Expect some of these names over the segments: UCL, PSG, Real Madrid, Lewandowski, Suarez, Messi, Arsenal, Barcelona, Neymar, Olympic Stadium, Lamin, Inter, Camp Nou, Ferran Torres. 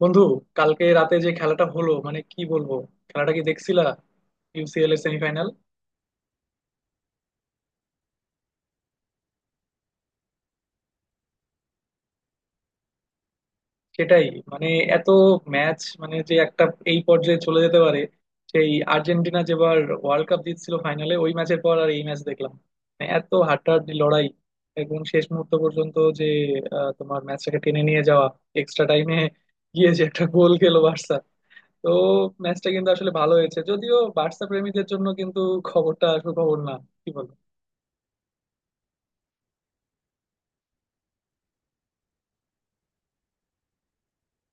বন্ধু, কালকে রাতে যে খেলাটা হলো মানে কি বলবো। খেলাটা কি দেখছিলা? ইউসিএল এর সেমিফাইনাল। সেটাই। মানে এত ম্যাচ মানে যে একটা এই পর্যায়ে চলে যেতে পারে। সেই আর্জেন্টিনা যেবার ওয়ার্ল্ড কাপ জিতছিল ফাইনালে ওই ম্যাচের পর আর এই ম্যাচ দেখলাম। মানে এত হাড্ডাহাড্ডি লড়াই, একদম শেষ মুহূর্ত পর্যন্ত যে তোমার ম্যাচটাকে টেনে নিয়ে যাওয়া, এক্সট্রা টাইমে গিয়ে যে একটা গোল খেলো বার্সা। তো ম্যাচটা কিন্তু আসলে ভালো হয়েছে, যদিও বার্সা প্রেমীদের জন্য কিন্তু খবরটা সুখবর না। কি বল?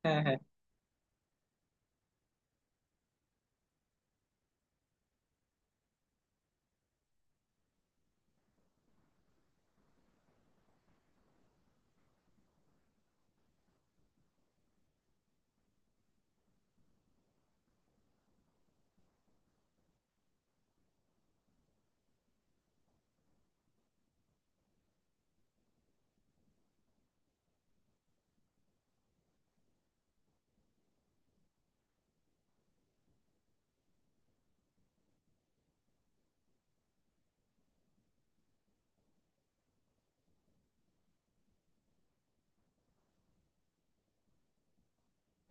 হ্যাঁ, হ্যাঁ,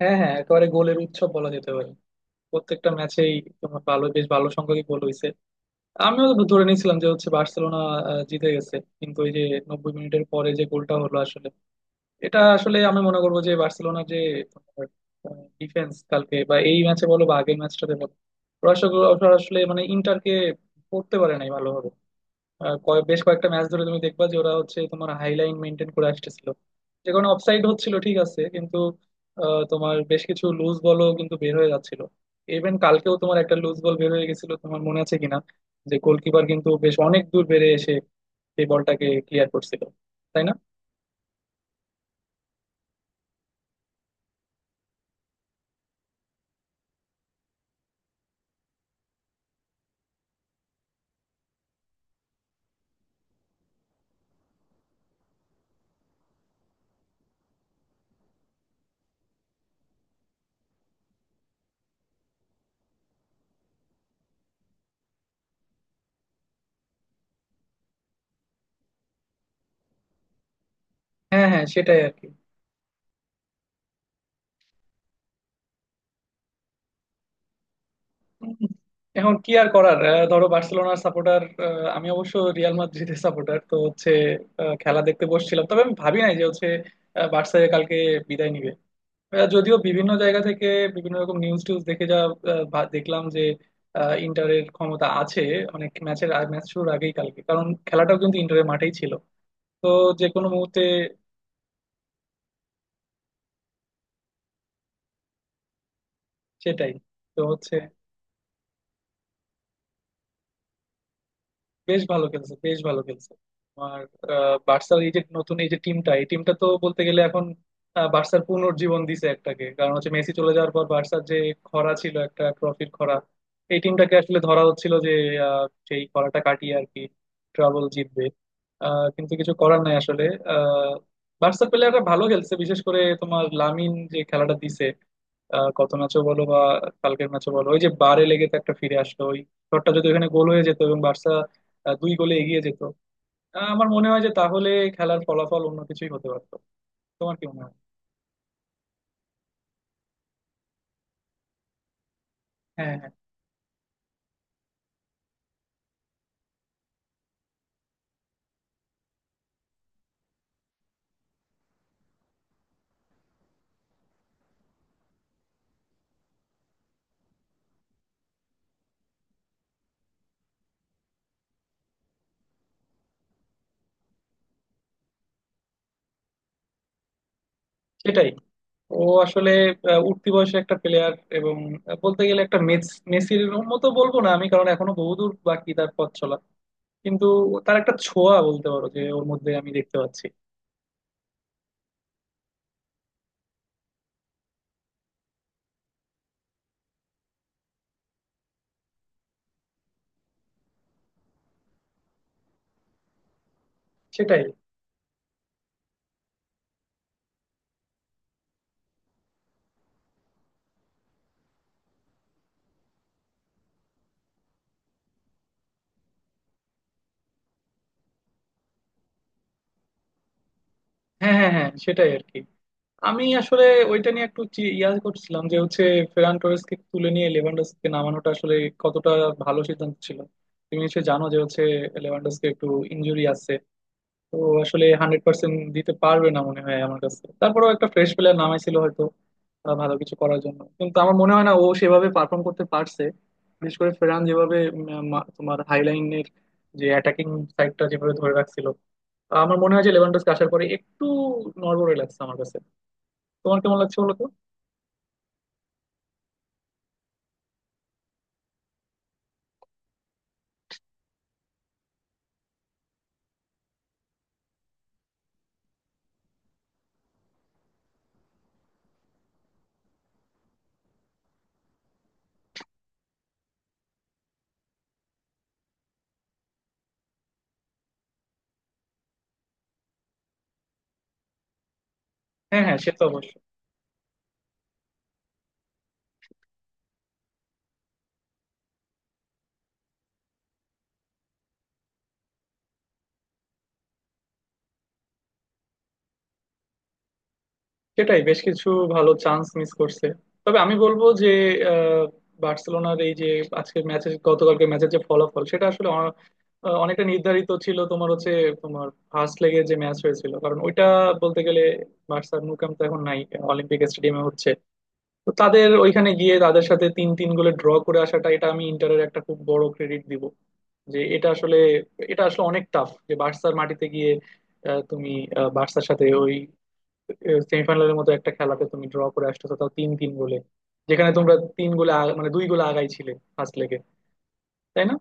হ্যাঁ, হ্যাঁ, একেবারে গোলের উৎসব বলা যেতে পারে প্রত্যেকটা ম্যাচেই। তোমার ভালো, বেশ ভালো সংখ্যক গোল হয়েছে। আমিও ধরে নিয়েছিলাম যে হচ্ছে বার্সেলোনা জিতে গেছে, কিন্তু ওই যে 90 মিনিটের পরে যে গোলটা হলো আসলে, এটা আসলে আমি মনে করবো যে বার্সেলোনার যে ডিফেন্স কালকে বা এই ম্যাচে বলো বা আগের ম্যাচটাতে বলো, ওরা আসলে ওরা আসলে মানে ইন্টারকে পড়তে পারে নাই ভালোভাবে। বেশ কয়েকটা ম্যাচ ধরে তুমি দেখবা যে ওরা হচ্ছে তোমার হাইলাইন মেনটেন করে আসতেছিল, যে কারণে অফসাইড হচ্ছিল, ঠিক আছে, কিন্তু তোমার বেশ কিছু লুজ বলও কিন্তু বের হয়ে যাচ্ছিল। ইভেন কালকেও তোমার একটা লুজ বল বের হয়ে গেছিল, তোমার মনে আছে কিনা, যে গোলকিপার কিন্তু বেশ অনেক দূর বেড়ে এসে এই বলটাকে ক্লিয়ার করছিল। তাই না? হ্যাঁ, হ্যাঁ, সেটাই আর কি। হুম। এখন কি আর করার, ধরো বার্সেলোনার সাপোর্টার, আমি অবশ্য রিয়াল মাদ্রিদের সাপোর্টার, তো হচ্ছে খেলা দেখতে বসছিলাম, তবে আমি ভাবি নাই যে হচ্ছে বার্সা কালকে বিদায় নিবে। যদিও বিভিন্ন জায়গা থেকে বিভিন্ন রকম নিউজ টিউজ দেখে যা দেখলাম যে ইন্টারের ক্ষমতা আছে অনেক ম্যাচের, ম্যাচ শুরুর আগেই কালকে, কারণ খেলাটাও কিন্তু ইন্টারের মাঠেই ছিল, তো যে কোনো মুহূর্তে। সেটাই। তো হচ্ছে বেশ ভালো খেলছে, বেশ ভালো খেলছে। আমার বার্সার এই যে নতুন এই যে টিমটা, এই টিমটা তো বলতে গেলে এখন বার্সার পুনর্জীবন দিছে একটাকে, কারণ হচ্ছে মেসি চলে যাওয়ার পর বার্সার যে খরা ছিল, একটা ট্রফির খরা, এই টিমটাকে আসলে ধরা হচ্ছিল যে আহ, সেই খরাটা কাটিয়ে আর কি ট্রাবল জিতবে। কিন্তু কিছু করার নাই আসলে। আহ, বার্সার প্লেয়াররা ভালো খেলছে, বিশেষ করে তোমার লামিন যে খেলাটা দিছে গত ম্যাচও বলো বা কালকের ম্যাচও বলো, ওই যে বারে লেগে তো একটা ফিরে আসলো ওই শটটা, যদি ওখানে গোল হয়ে যেত এবং বার্সা 2 গোলে এগিয়ে যেত, আমার মনে হয় যে তাহলে খেলার ফলাফল অন্য কিছুই হতে পারতো। তোমার কি মনে হয়? হ্যাঁ, হ্যাঁ, সেটাই। ও আসলে উঠতি বয়সে একটা প্লেয়ার, এবং বলতে গেলে একটা মেসির মতো বলবো না আমি, কারণ এখনো বহুদূর বাকি তার পথ চলা, কিন্তু তার একটা ছোঁয়া বলতে পারো যে ওর মধ্যে আমি দেখতে পাচ্ছি। সেটাই। হ্যাঁ, হ্যাঁ, হ্যাঁ, সেটাই আর কি। আমি আসলে ওইটা নিয়ে একটু ইয়া করছিলাম যে হচ্ছে ফেরান টোরেসকে তুলে নিয়ে লেভানডস্কিকে নামানোটা আসলে কতটা ভালো সিদ্ধান্ত ছিল। তুমি নিশ্চয়ই জানো যে হচ্ছে লেভানডস্কি একটু ইনজুরি আছে, তো আসলে 100% দিতে পারবে না মনে হয় আমার কাছে। তারপরেও একটা ফ্রেশ প্লেয়ার নামাইছিল হয়তো ভালো কিছু করার জন্য, কিন্তু আমার মনে হয় না ও সেভাবে পারফর্ম করতে পারছে। বিশেষ করে ফেরান যেভাবে তোমার হাইলাইনের যে অ্যাটাকিং সাইডটা যেভাবে ধরে রাখছিল, আমার মনে হয় যে লেভানডস্কি আসার পরে একটু নড়বড়ে লাগছে আমার কাছে। তোমার কেমন লাগছে বলো তো? হ্যাঁ, হ্যাঁ, সে তো অবশ্যই। সেটাই, বেশ কিছু ভালো চান্স মিস করছে। তবে আমি বলবো যে আহ, বার্সেলোনার এই যে আজকের ম্যাচের, গতকালকে ম্যাচের যে ফলাফল, সেটা আসলে অনেকটা নির্ধারিত ছিল তোমার হচ্ছে তোমার ফার্স্ট লেগে যে ম্যাচ হয়েছিল। কারণ ওইটা বলতে গেলে, বার্সার ন্যু ক্যাম্প তো এখন নাই, অলিম্পিক স্টেডিয়ামে হচ্ছে, তো তাদের ওইখানে গিয়ে তাদের সাথে 3-3 গোলে ড্র করে আসাটা, এটা আমি ইন্টারের একটা খুব বড় ক্রেডিট দিব, যে এটা আসলে অনেক টাফ যে বার্সার মাটিতে গিয়ে তুমি বার্সার সাথে ওই সেমিফাইনালের মতো একটা খেলাতে তুমি ড্র করে আসতেছো তাও 3-3 গোলে, যেখানে তোমরা মানে 2 গোলে আগাই ছিলে ফার্স্ট লেগে। তাই না?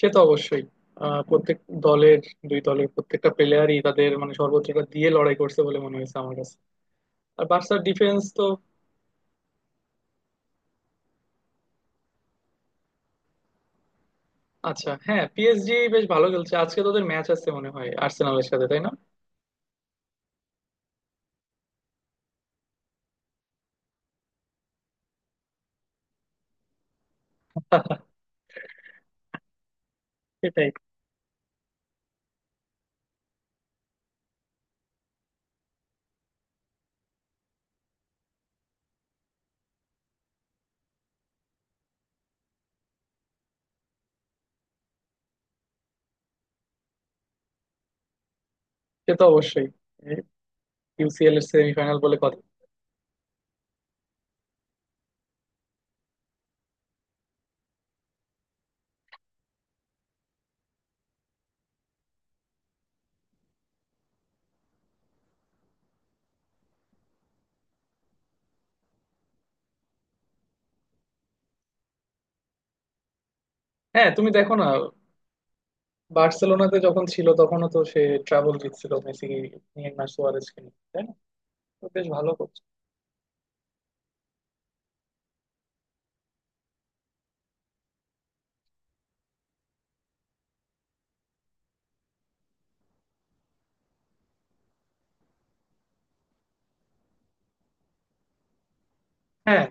সে তো অবশ্যই। প্রত্যেক দলের দুই দলের প্রত্যেকটা প্লেয়ারই তাদের মানে সর্বোচ্চটা দিয়ে লড়াই করছে বলে মনে হয়েছে আমার কাছে। আর বার্সার ডিফেন্স তো, আচ্ছা, হ্যাঁ, পিএসজি বেশ ভালো খেলছে। আজকে তোদের ম্যাচ আছে মনে হয় আর্সেনালের সাথে, তাই না? সেটাই। সে তো অবশ্যই, ইউসিএল এর সেমিফাইনাল বলে কথা। হ্যাঁ, তুমি দেখো না, বার্সেলোনাতে যখন ছিল তখনও তো সে ট্রাবল জিতছিল মেসি, নেইমার, সুয়ারেজকে নিয়ে, তাই না? তো বেশ ভালো করছে। হ্যাঁ,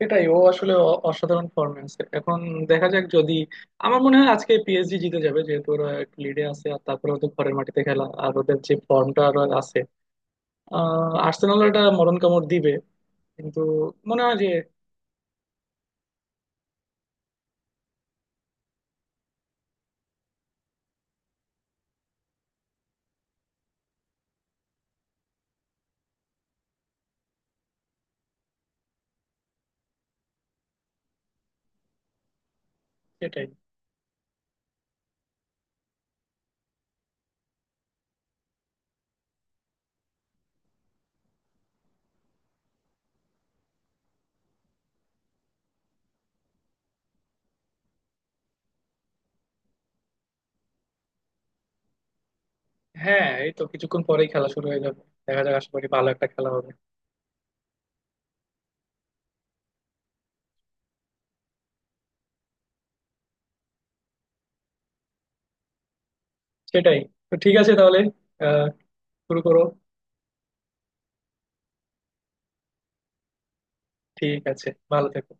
সেটাই। ও আসলে অসাধারণ ফরম্যান্স। এখন দেখা যাক, যদি আমার মনে হয় আজকে পিএসজি জিতে যাবে যেহেতু ওরা একটু লিডে আছে, আর তারপরে ওদের ঘরের মাটিতে খেলা, আর ওদের যে ফর্মটা আর আছে, আর্সেনাল এটা মরণ কামড় দিবে কিন্তু, মনে হয় যে সেটাই। হ্যাঁ, এই তো কিছুক্ষণ পরেই খেলা শুরু হয়ে যাবে, দেখা যাক, আশা করি ভালো একটা খেলা হবে। সেটাই। তো ঠিক আছে তাহলে, আহ শুরু করো। ঠিক আছে। ভালো থেকো।